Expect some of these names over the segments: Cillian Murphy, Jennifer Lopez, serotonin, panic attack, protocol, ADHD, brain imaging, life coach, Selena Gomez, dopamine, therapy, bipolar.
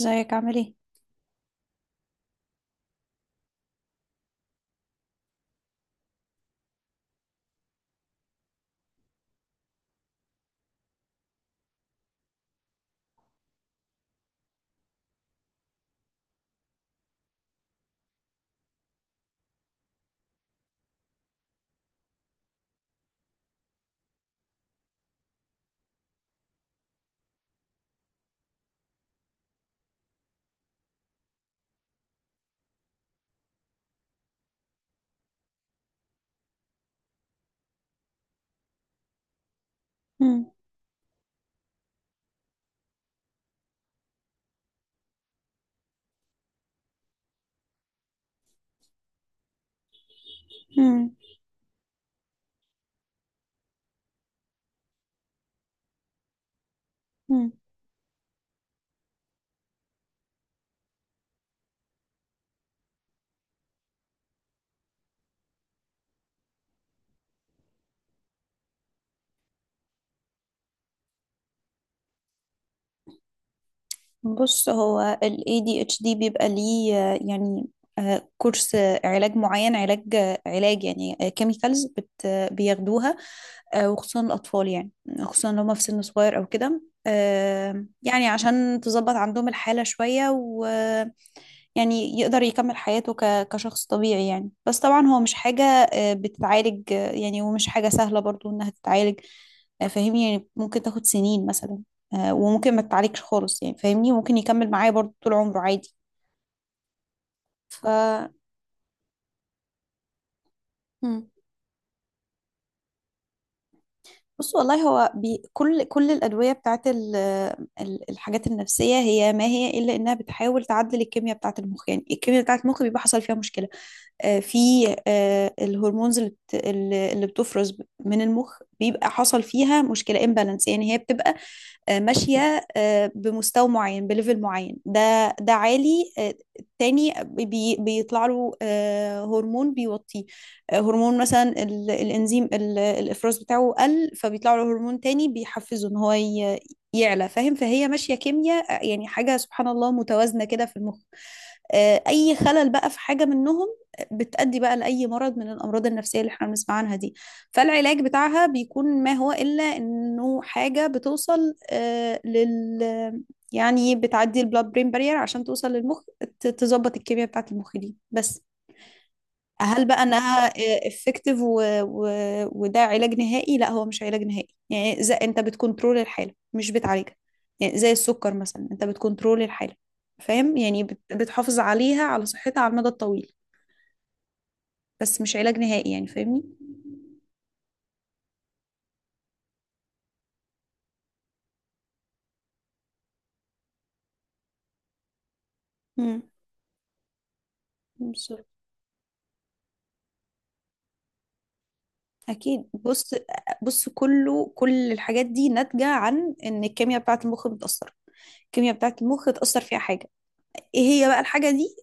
ازيك عامل ايه؟ مم، مم، مم. بص، هو ال ADHD بيبقى ليه، يعني كورس، علاج معين، علاج، يعني كيميكالز بت آه، بياخدوها، وخصوصا الأطفال، يعني خصوصا لو هما في سن صغير أو كده، يعني عشان تظبط عندهم الحالة شوية، يعني يقدر يكمل حياته كشخص طبيعي، يعني بس طبعا هو مش حاجة بتتعالج، يعني ومش حاجة سهلة برضو إنها تتعالج. فاهمني، يعني ممكن تاخد سنين مثلا، وممكن ما تتعالجش خالص، يعني فاهمني ممكن يكمل معايا برضو طول عمره عادي. ف مم. بص والله هو كل الأدوية بتاعت الحاجات النفسية، هي ما هي إلا إنها بتحاول تعدل الكيمياء بتاعت المخ، يعني الكيمياء بتاعت المخ بيبقى حصل فيها مشكلة، في الهرمونز اللي بت- اللي اللي بتفرز من المخ بيبقى حصل فيها مشكلة، امبالانس، يعني هي بتبقى ماشية بمستوى معين، بليفل معين، ده عالي، التاني بيطلع له هرمون بيوطيه، هرمون مثلا الانزيم، الافراز بتاعه قل، فبيطلع له هرمون تاني بيحفزه ان هو يعلى، فاهم؟ فهي ماشية كيمياء، يعني حاجة سبحان الله متوازنة كده في المخ. اي خلل بقى في حاجه منهم بتؤدي بقى لاي مرض من الامراض النفسيه اللي احنا بنسمع عنها دي. فالعلاج بتاعها بيكون ما هو الا انه حاجه بتوصل آه، لل يعني بتعدي البلاد برين بارير عشان توصل للمخ، تظبط الكيمياء بتاعه المخ دي بس. هل بقى انها افكتيف؟ وده علاج نهائي؟ لا، هو مش علاج نهائي، يعني زي انت بتكنترول الحاله، مش بتعالجها. يعني زي السكر مثلا، انت بتكنترول الحاله، فاهم؟ يعني بتحافظ عليها، على صحتها على المدى الطويل، بس مش علاج نهائي، يعني فاهمني. امم. بالظبط. اكيد. بص بص، كل الحاجات دي ناتجه عن ان الكيمياء بتاعه المخ متاثره، الكيمياء بتاعه المخ اتاثر فيها حاجه. ايه هي بقى الحاجة دي؟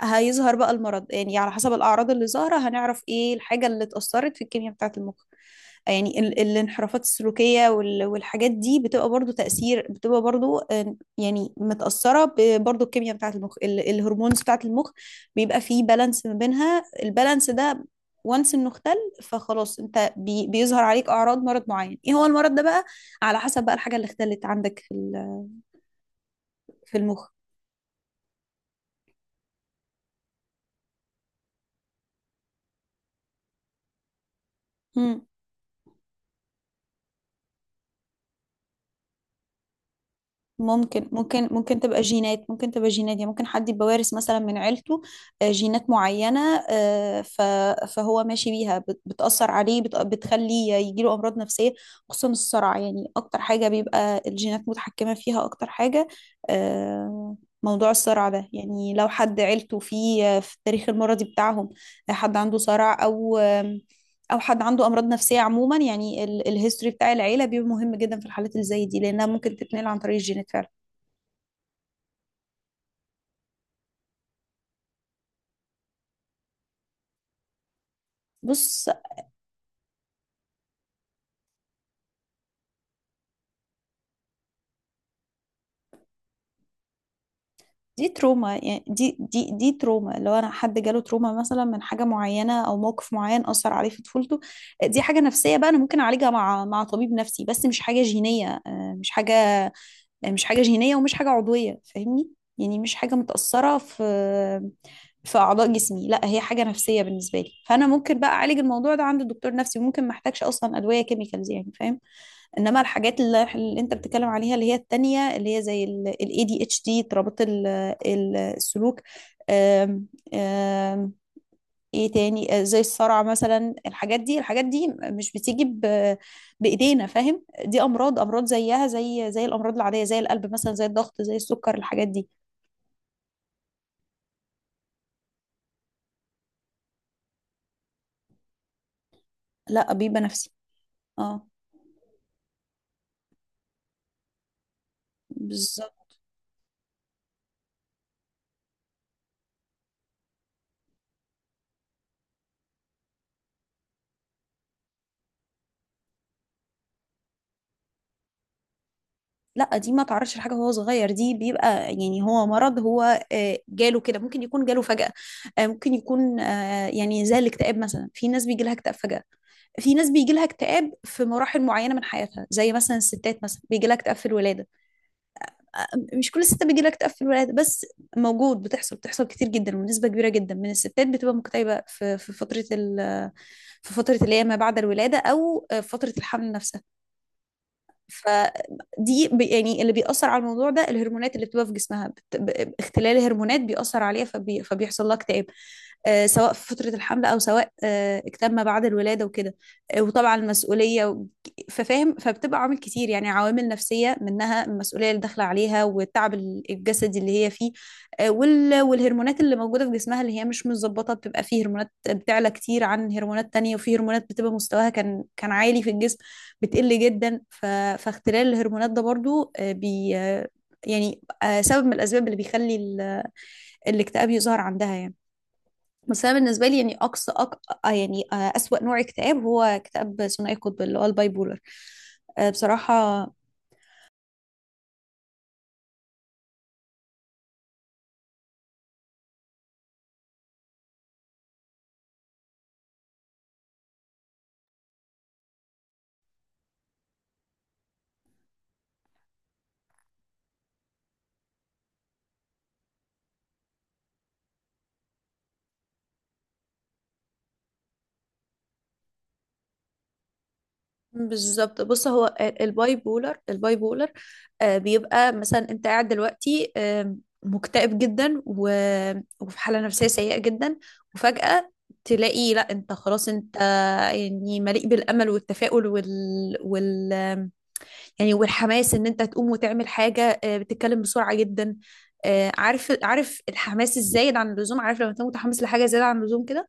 هيظهر بقى المرض، يعني على حسب الأعراض اللي ظاهرة هنعرف ايه الحاجة اللي اتأثرت في الكيمياء بتاعة المخ. يعني الانحرافات السلوكية والحاجات دي بتبقى برضو تأثير، بتبقى برضو يعني متأثرة برضو الكيمياء بتاعة المخ، الهرمونز بتاعة المخ، بيبقى فيه بالانس ما بينها، البالانس ده وانس انه اختل. فخلاص انت بيظهر عليك اعراض مرض معين، ايه هو المرض ده بقى؟ على حسب بقى الحاجه اللي اختلت عندك في المخ. ممكن تبقى جينات، يعني ممكن حد يبقى وارث مثلا من عيلته، جينات معينة، آه، ف- فهو ماشي بيها، بتأثر عليه، بتخليه يجيله أمراض نفسية، خصوصا الصرع. يعني أكتر حاجة بيبقى الجينات متحكمة فيها، أكتر حاجة، آه، موضوع الصرع ده، يعني لو حد عيلته فيه في التاريخ المرضي بتاعهم، حد عنده صرع، أو أو حد عنده أمراض نفسية عموما، يعني الهيستوري بتاع العيلة بيبقى مهم جدا في الحالات اللي زي دي، لأنها ممكن تتنقل عن طريق الجينات فعلا. بص، دي تروما، يعني دي تروما، لو انا حد جاله تروما مثلا من حاجه معينه او موقف معين اثر عليه في طفولته، دي حاجه نفسيه بقى، انا ممكن اعالجها مع طبيب نفسي، بس مش حاجه جينيه، مش حاجه، مش حاجه جينيه ومش حاجه عضويه، فاهمني؟ يعني مش حاجه متاثره في اعضاء جسمي، لا، هي حاجه نفسيه بالنسبه لي، فانا ممكن بقى اعالج الموضوع ده عند الدكتور نفسي، وممكن ما احتاجش اصلا ادويه كيميكالز، يعني فاهم؟ انما الحاجات اللي انت بتتكلم عليها، اللي هي التانية، اللي هي زي ال ADHD، اضطرابات السلوك، آم، آم، ايه تاني؟ زي الصرع مثلا، الحاجات دي مش بتيجي بايدينا، فاهم؟ دي امراض، زيها زي الامراض العادية، زي القلب مثلا، زي الضغط، زي السكر، الحاجات دي. لا، بيبقى نفسي. اه، بالظبط. لا، دي ما تعرضش لحاجه وهو صغير، دي بيبقى يعني هو مرض، هو جاله كده. ممكن يكون جاله فجأة، ممكن يكون، يعني زي الاكتئاب مثلا، في ناس بيجي لها اكتئاب فجأة، في ناس بيجي لها اكتئاب في مراحل معينه من حياتها، زي مثلا الستات مثلا بيجي لها اكتئاب في الولاده. مش كل الستات بيجي لها اكتئاب في الولاده، بس موجود، بتحصل كتير جدا، ونسبه كبيره جدا من الستات بتبقى مكتئبه في فتره في فتره اللي هي ما بعد الولاده، او في فتره الحمل نفسها. فدي يعني اللي بيأثر على الموضوع ده الهرمونات اللي بتبقى في جسمها، اختلال هرمونات بيأثر عليها، فبيحصل لها اكتئاب، سواء في فترة الحمل أو سواء اكتئاب ما بعد الولادة وكده، وطبعا المسؤولية ففاهم، فبتبقى عوامل كتير، يعني عوامل نفسية، منها المسؤولية اللي داخلة عليها، والتعب الجسدي اللي هي فيه، والهرمونات اللي موجودة في جسمها، اللي هي مش متظبطة، بتبقى فيه هرمونات بتعلى كتير عن هرمونات تانية، وفي هرمونات بتبقى مستواها كان عالي في الجسم بتقل جدا. فاختلال الهرمونات ده برضو بي آه، يعني سبب من الأسباب اللي بيخلي الاكتئاب يظهر عندها، يعني. بس أنا بالنسبة لي، يعني أقصى يعني أسوأ نوع اكتئاب هو اكتئاب ثنائي القطب، اللي هو الباي بولر، بصراحة. بالظبط. بص، هو الباي بولر، بيبقى مثلا انت قاعد دلوقتي، مكتئب جدا، وفي حالة نفسية سيئة جدا، وفجأة تلاقي لا، انت خلاص، انت يعني مليء بالامل والتفاؤل وال, وال يعني والحماس، ان انت تقوم وتعمل حاجة، بتتكلم بسرعة جدا، عارف الحماس الزايد عن اللزوم؟ عارف لما تكون متحمس لحاجة زيادة عن اللزوم كده؟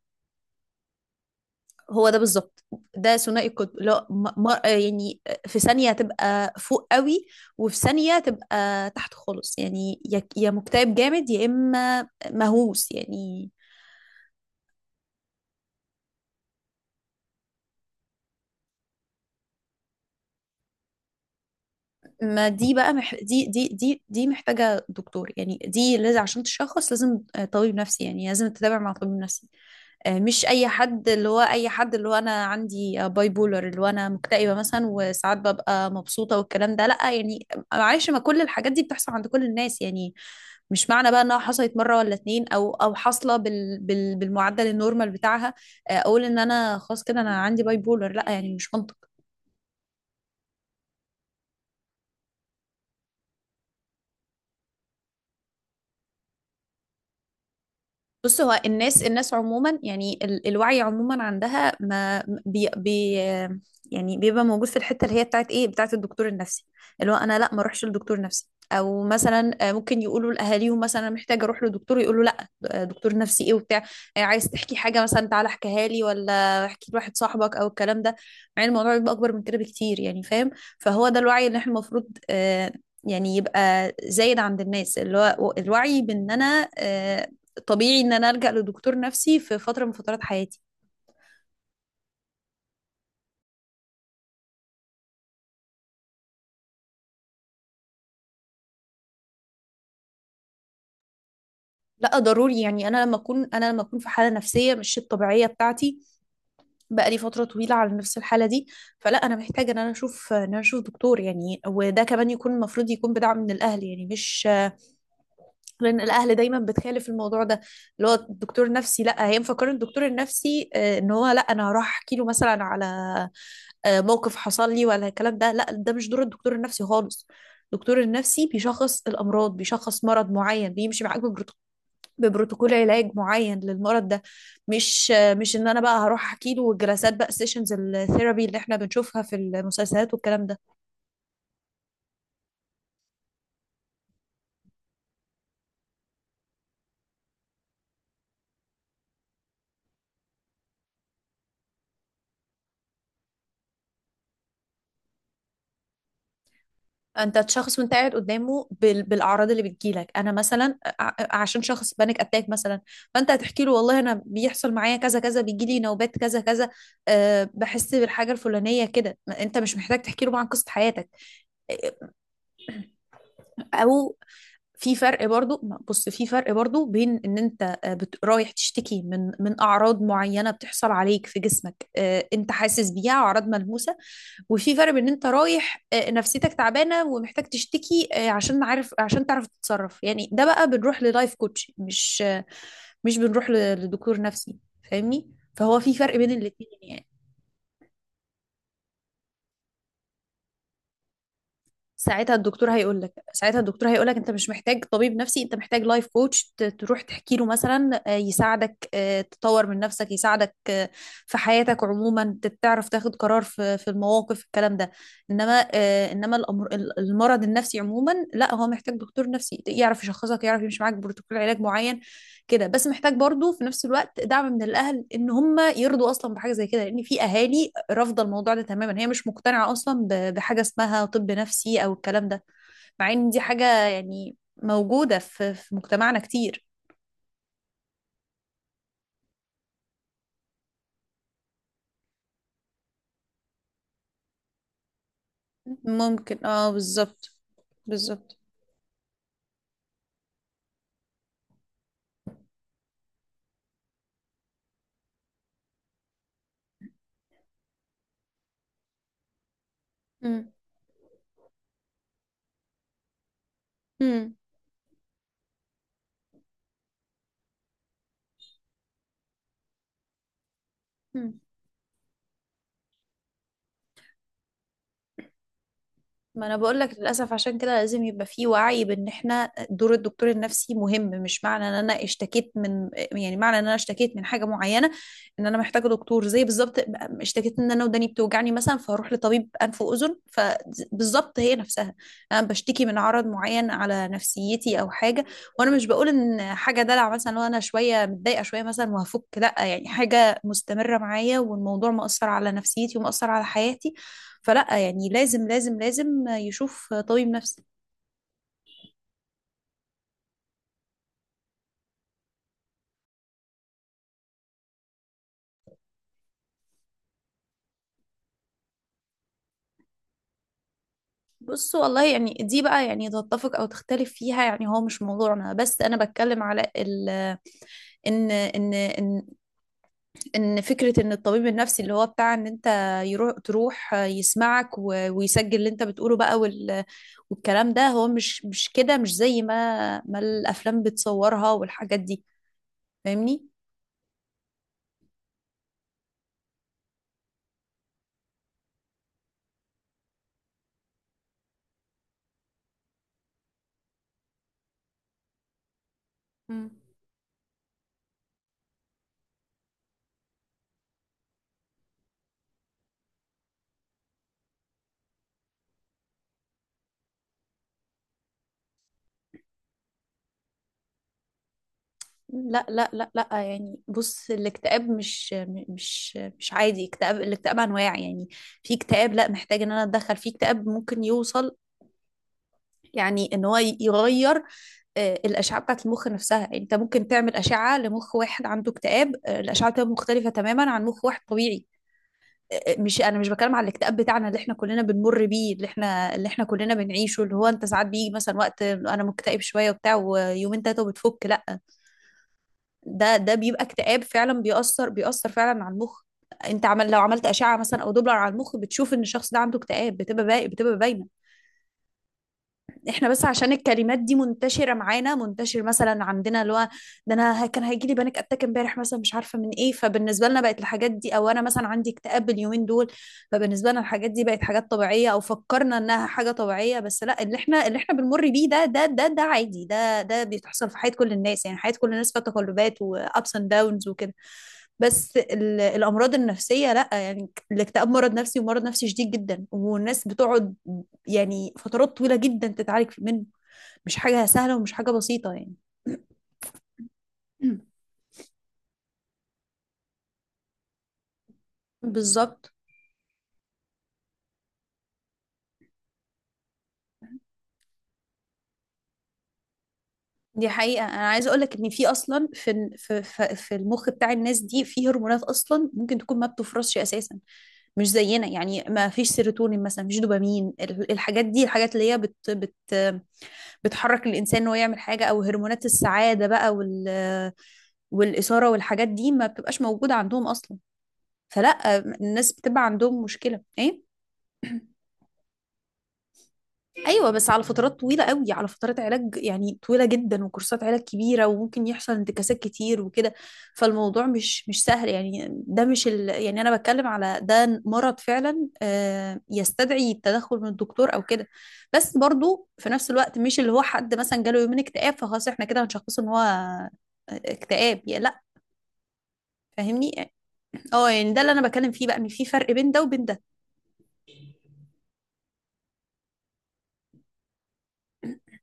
هو ده بالظبط، ده ثنائي القطب، لا يعني في ثانية تبقى فوق قوي، وفي ثانية تبقى تحت خالص، يعني يا مكتئب جامد يا إما مهووس، يعني. ما دي بقى دي محتاجة دكتور، يعني دي لازم عشان تشخص، لازم طبيب نفسي، يعني لازم تتابع مع طبيب نفسي، مش أي حد، اللي هو أنا عندي باي بولر، اللي هو أنا مكتئبة مثلا وساعات ببقى مبسوطة والكلام ده، لا يعني. معلش، ما كل الحاجات دي بتحصل عند كل الناس، يعني. مش معنى بقى انها حصلت مره ولا اتنين او حاصله بالمعدل النورمال بتاعها، اقول ان انا خلاص كده انا عندي باي بولر؟ لا يعني، مش منطق. بص، هو الناس عموما، يعني الوعي عموما عندها ما بي بي يعني بيبقى موجود في الحته اللي هي بتاعت ايه، بتاعت الدكتور النفسي، اللي هو انا لا ما اروحش لدكتور نفسي، او مثلا ممكن يقولوا لاهاليهم مثلا انا محتاجه اروح لدكتور، يقولوا لا، دكتور نفسي ايه وبتاع، عايز تحكي حاجه مثلا تعالى احكيها لي، ولا احكي لواحد صاحبك او الكلام ده. مع ان الموضوع بيبقى اكبر من كده بكتير، يعني فاهم. فهو ده الوعي اللي احنا المفروض، يعني يبقى زايد عند الناس، اللي هو الوعي بان انا طبيعي ان انا الجأ لدكتور نفسي في فتره من فترات حياتي. لا ضروري، يعني انا لما اكون في حاله نفسيه مش الطبيعيه بتاعتي، بقالي فتره طويله على نفس الحاله دي، فلا، انا محتاجه ان انا اشوف دكتور، يعني وده كمان يكون المفروض يكون بدعم من الاهل، يعني مش، لان الاهل دايما بتخالف الموضوع ده، اللي هو الدكتور النفسي. لا، هي مفكره الدكتور النفسي ان هو، لا، انا هروح احكي له مثلا على موقف حصل لي ولا الكلام ده، لا، ده مش دور الدكتور النفسي خالص. الدكتور النفسي بيشخص الأمراض، بيشخص مرض معين، بيمشي معاك ببروتوكول علاج معين للمرض ده، مش ان انا بقى هروح احكي له، الجلسات بقى، سيشنز الثيرابي اللي احنا بنشوفها في المسلسلات والكلام ده. انت شخص وانت قاعد قدامه بالاعراض اللي بتجيلك، انا مثلا عشان شخص بانيك اتاك مثلا، فانت هتحكي له والله انا بيحصل معايا كذا كذا، بيجي لي نوبات كذا كذا، أه بحس بالحاجه الفلانيه كده، انت مش محتاج تحكي له عن قصه حياتك او. في فرق برضو، بص، في فرق برضو بين ان انت رايح تشتكي من اعراض معينه بتحصل عليك في جسمك، انت حاسس بيها، اعراض ملموسه، وفي فرق بين ان انت رايح نفسيتك تعبانه ومحتاج تشتكي، عشان تعرف تتصرف، يعني ده بقى بنروح للايف كوتش، مش مش بنروح لدكتور نفسي، فاهمني؟ فهو في فرق بين الاتنين، يعني. ساعتها الدكتور هيقول لك، انت مش محتاج طبيب نفسي، انت محتاج لايف كوتش، تروح تحكي له مثلا، يساعدك تطور من نفسك، يساعدك في حياتك عموما، تعرف تاخد قرار في المواقف، الكلام ده. انما المرض النفسي عموما، لا، هو محتاج دكتور نفسي يعرف يشخصك، يعرف يمشي معاك بروتوكول علاج معين، كده بس. محتاج برضو في نفس الوقت دعم من الاهل، ان هم يرضوا اصلا بحاجه زي كده، لان في اهالي رافضه الموضوع ده تماما، هي مش مقتنعه اصلا بحاجه اسمها طب نفسي او الكلام ده، مع ان دي حاجه يعني موجوده في مجتمعنا كتير. ممكن. اه، بالظبط. بالظبط. مم. مم. ما انا بقول لك للاسف عشان كده لازم يبقى في وعي بان احنا دور الدكتور النفسي مهم. مش معنى ان انا اشتكيت من معنى ان انا اشتكيت من حاجه معينه ان انا محتاجه دكتور، زي بالظبط اشتكيت ان انا وداني بتوجعني مثلا فاروح لطبيب انف واذن، فبالظبط هي نفسها. انا بشتكي من عرض معين على نفسيتي او حاجه، وانا مش بقول ان حاجه دلع مثلا. لو انا شويه متضايقه شويه مثلا وهفك، لا، يعني حاجه مستمره معايا والموضوع مأثر على نفسيتي ومأثر على حياتي، فلا، يعني لازم لازم لازم يشوف طبيب نفسي. بص والله يعني دي بقى يعني تتفق او تختلف فيها، يعني هو مش موضوعنا، بس انا بتكلم على ال ان ان فكرة ان الطبيب النفسي اللي هو بتاع ان انت تروح يسمعك ويسجل اللي انت بتقوله بقى، وال والكلام ده هو مش كده، مش زي ما الافلام بتصورها والحاجات دي. فاهمني؟ لا، يعني بص، الاكتئاب مش مش عادي اكتئاب، الاكتئاب انواع يعني. في اكتئاب لا محتاج ان انا اتدخل، في اكتئاب ممكن يوصل يعني ان هو يغير آه، الاشعه بتاعت المخ نفسها. يعني انت ممكن تعمل اشعه لمخ واحد عنده اكتئاب، آه، الاشعه بتبقى مختلفه تماما عن مخ واحد طبيعي. آه، آه، مش انا مش بتكلم على الاكتئاب بتاعنا اللي احنا كلنا بنمر بيه، اللي احنا كلنا بنعيشه، اللي هو انت ساعات بيجي مثلا وقت انا مكتئب شويه وبتاع ويومين تلاته وبتفك، لا. ده ده بيبقى اكتئاب فعلا، بيأثر بيأثر فعلا على المخ. انت عمل لو عملت أشعة مثلا او دوبلر على المخ، بتشوف ان الشخص ده عنده اكتئاب، بتبقى باقي بتبقى باينة. احنا بس عشان الكلمات دي منتشره معانا، منتشر مثلا عندنا اللي هو ده انا كان هيجي لي بانيك اتاك امبارح مثلا مش عارفه من ايه، فبالنسبه لنا بقت الحاجات دي، او انا مثلا عندي اكتئاب اليومين دول. فبالنسبه لنا الحاجات دي بقت حاجات طبيعيه، او فكرنا انها حاجه طبيعيه، بس لا، اللي احنا بنمر بيه ده ده عادي، ده ده بيتحصل في حياه كل الناس. يعني حياه كل الناس فيها تقلبات وابس اند داونز وكده. بس الامراض النفسيه لا، يعني الاكتئاب مرض نفسي، ومرض نفسي شديد جدا، والناس بتقعد يعني فترات طويلة جدا تتعالج منه. مش حاجة سهلة ومش حاجة بسيطة يعني. بالظبط. دي حقيقة. أنا عايزة أقولك إن في أصلا في في في المخ بتاع الناس دي في هرمونات أصلا ممكن تكون ما بتفرزش أساسا مش زينا. يعني ما فيش سيروتونين مثلا، مفيش دوبامين، الحاجات دي الحاجات اللي هي بت بت بتحرك الإنسان إن هو يعمل حاجة، أو هرمونات السعادة بقى، وال والإثارة والحاجات دي، ما بتبقاش موجودة عندهم أصلا. فلا، الناس بتبقى عندهم مشكلة إيه. ايوه بس على فترات طويله قوي، على فترات علاج يعني طويله جدا وكورسات علاج كبيره، وممكن يحصل انتكاسات كتير وكده. فالموضوع مش مش سهل، يعني ده مش ال يعني انا بتكلم على ده مرض فعلا آه، يستدعي التدخل من الدكتور او كده. بس برضو في نفس الوقت، مش اللي هو حد مثلا جاله يومين اكتئاب فخلاص احنا كده هنشخصه ان هو آه، اكتئاب يعني، لا. فاهمني؟ اه، يعني ده اللي انا بتكلم فيه بقى، ان في فرق بين ده وبين ده.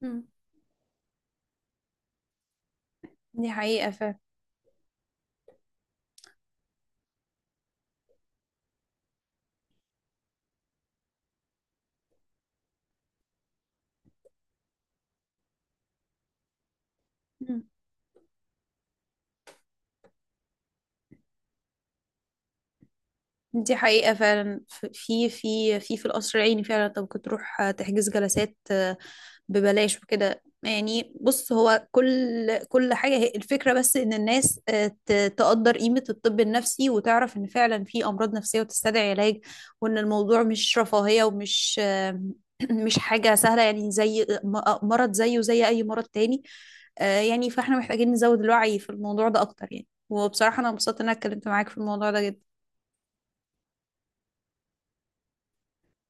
مم. دي حقيقة. مم. دي حقيقة فعلا. في في القصر العيني فعلا انت ممكن تروح آه، تحجز جلسات آه، ببلاش وكده. يعني بص، هو كل حاجة هي الفكرة، بس ان الناس آه، تقدر قيمة الطب النفسي، وتعرف ان فعلا في امراض نفسية وتستدعي علاج، وان الموضوع مش رفاهية ومش آه، مش حاجة سهلة. يعني زي مرض زيه زي اي مرض تاني آه، يعني فاحنا محتاجين نزود الوعي في الموضوع ده اكتر يعني. وبصراحة انا مبسوطة ان انا اتكلمت معاك في الموضوع ده جدا.